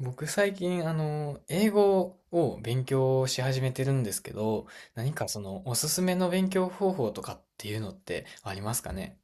僕最近、英語を勉強し始めてるんですけど、何かその、おすすめの勉強方法とかっていうのってありますかね。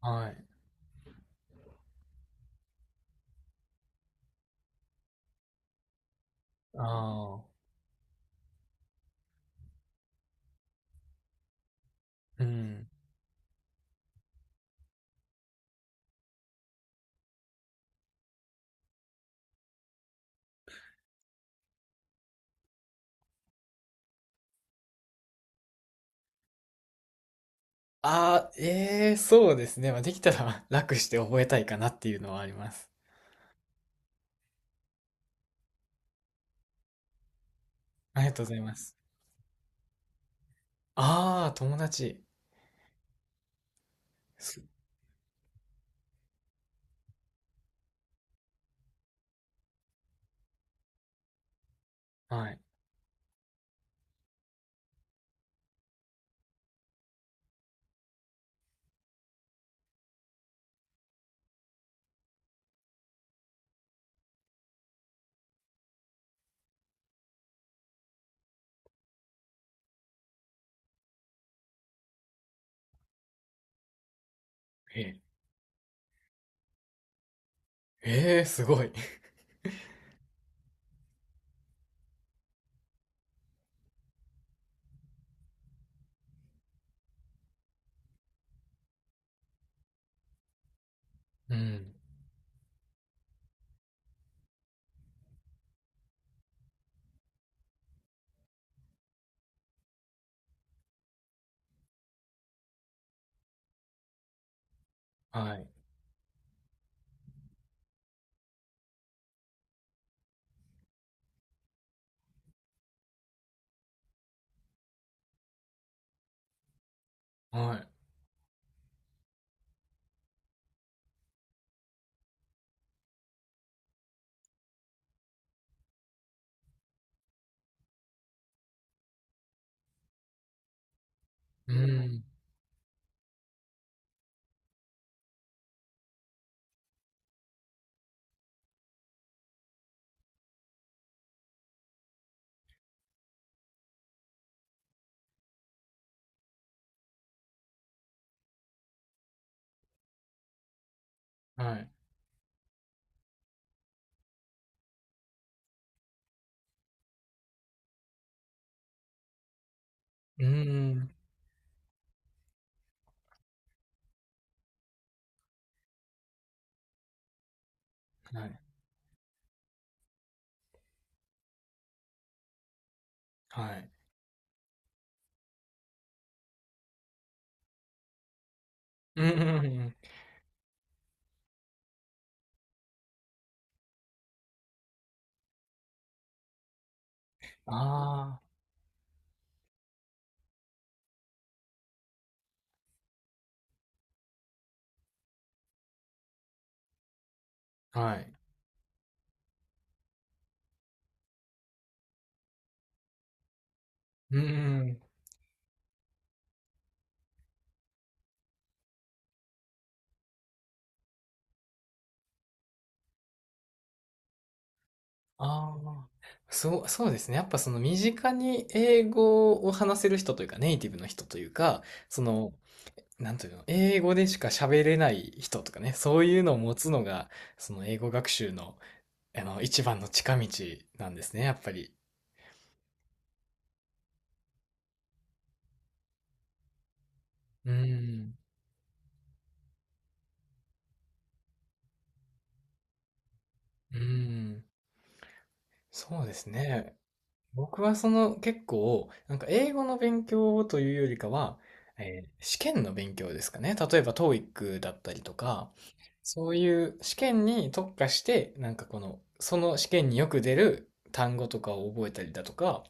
はい。ああ、うん。ああ、ええ、そうですね。まあ、できたら 楽して覚えたいかなっていうのはあります。ありがとうございます。ああ、友達。すはい。ええ、ええ、すごい。うん。はい。はい。うん。はい。うん。はい。はい。うん。ああ。はい。うーん。ああ、そう、そうですね。やっぱその身近に英語を話せる人というか、ネイティブの人というか、その、なんというの、英語でしか喋れない人とかね、そういうのを持つのが、その英語学習の、一番の近道なんですね、やっぱり。うーん。うーん。そうですね。僕はその結構、なんか英語の勉強というよりかは、試験の勉強ですかね。例えば TOEIC だったりとか、そういう試験に特化して、なんかこの、その試験によく出る単語とかを覚えたりだとか、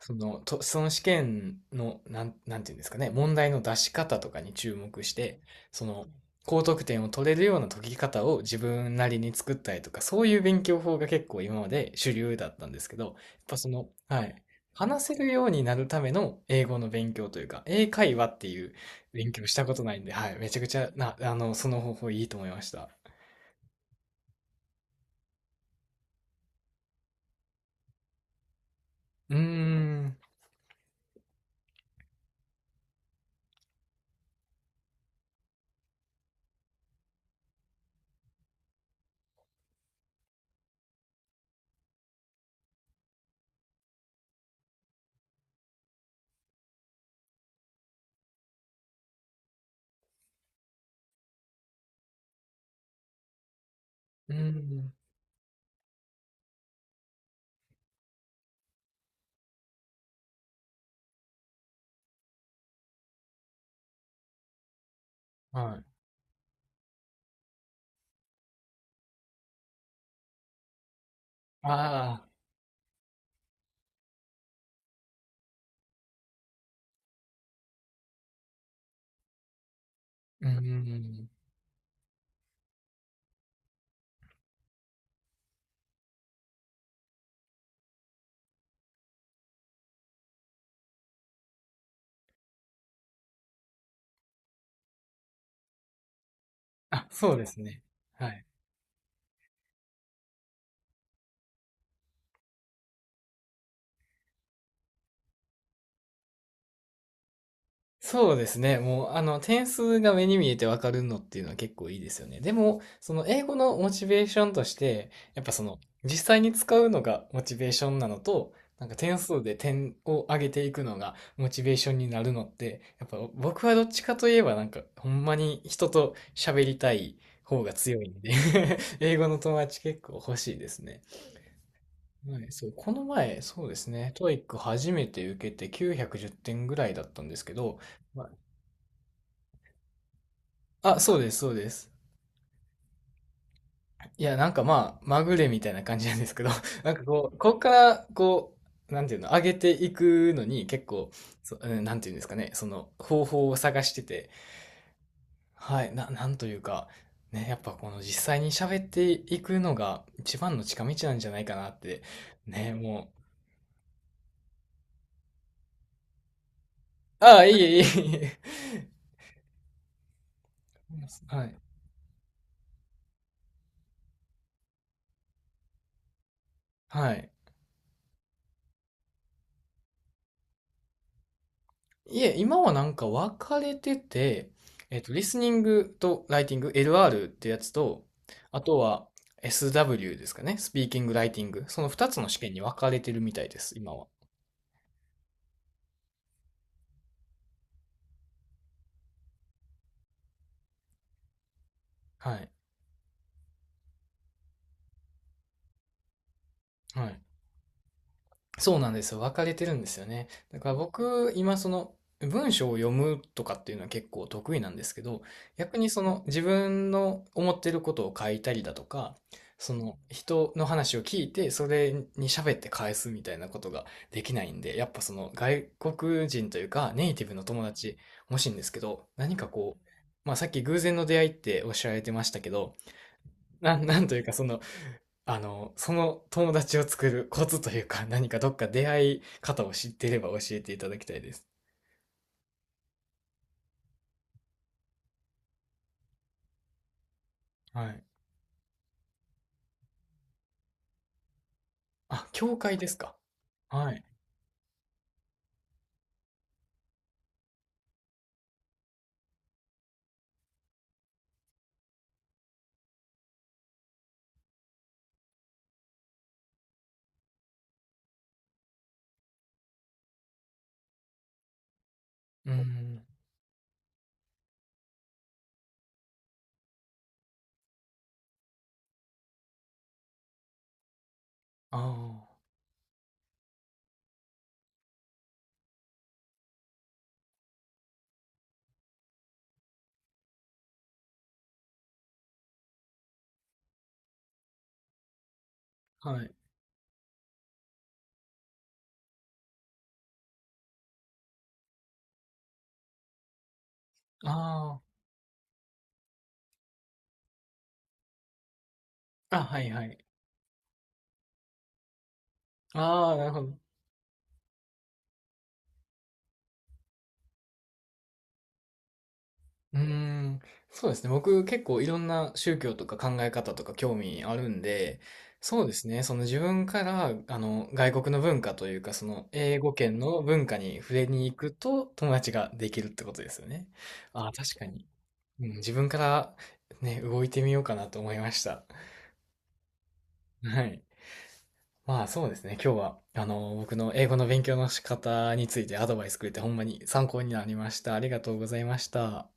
その、と、その試験の、なんていうんですかね、問題の出し方とかに注目して、その、高得点を取れるような解き方を自分なりに作ったりとか、そういう勉強法が結構今まで主流だったんですけど、やっぱその、はい、話せるようになるための英語の勉強というか、英会話っていう勉強したことないんで、はい、めちゃくちゃな、その方法いいと思いました。うーん、うーん、はい。ああ、うーん、あ、そうですね。はい。そうですね。もう、点数が目に見えてわかるのっていうのは結構いいですよね。でも、その英語のモチベーションとして、やっぱその、実際に使うのがモチベーションなのと、なんか点数で点を上げていくのがモチベーションになるのって、やっぱ僕はどっちかといえばなんか、ほんまに人と喋りたい方が強いんで 英語の友達結構欲しいですね。はい、そう、この前、そうですね、トーイック初めて受けて910点ぐらいだったんですけど、あ、そうです、そうです。いや、なんかまあ、まぐれみたいな感じなんですけど、なんかこう、こっから、こう、なんていうの、上げていくのに結構、うんなんていうんですかね、その方法を探してて、はい、なんというか、ね、やっぱこの実際に喋っていくのが一番の近道なんじゃないかなって、ね、もう、ああ、いえいえいえ。はい、はい。いえ、今はなんか分かれてて、えっと、リスニングとライティング、LR ってやつと、あとは SW ですかね、スピーキング、ライティング、その2つの試験に分かれてるみたいです、今は。はい。はい。そうなんですよ。分かれてるんですよね。だから僕、今その文章を読むとかっていうのは結構得意なんですけど、逆にその自分の思ってることを書いたりだとか、その人の話を聞いて、それに喋って返すみたいなことができないんで、やっぱその外国人というかネイティブの友達欲しいんですけど、何かこう、まあさっき偶然の出会いっておっしゃられてましたけど、なんというかそのその友達を作るコツというか、何かどっか出会い方を知っていれば教えていただきたいです。はい。あ、教会ですか。はい。うん。ああ。はい。ああ。あ、はいはい。ああ、なるほど。うーん。そうですね。僕結構いろんな宗教とか考え方とか興味あるんで、そうですね。その自分から、外国の文化というか、その英語圏の文化に触れに行くと友達ができるってことですよね。ああ、確かに。うん、自分からね、動いてみようかなと思いました。はい。まあそうですね、今日は、僕の英語の勉強の仕方についてアドバイスくれてほんまに参考になりました。ありがとうございました。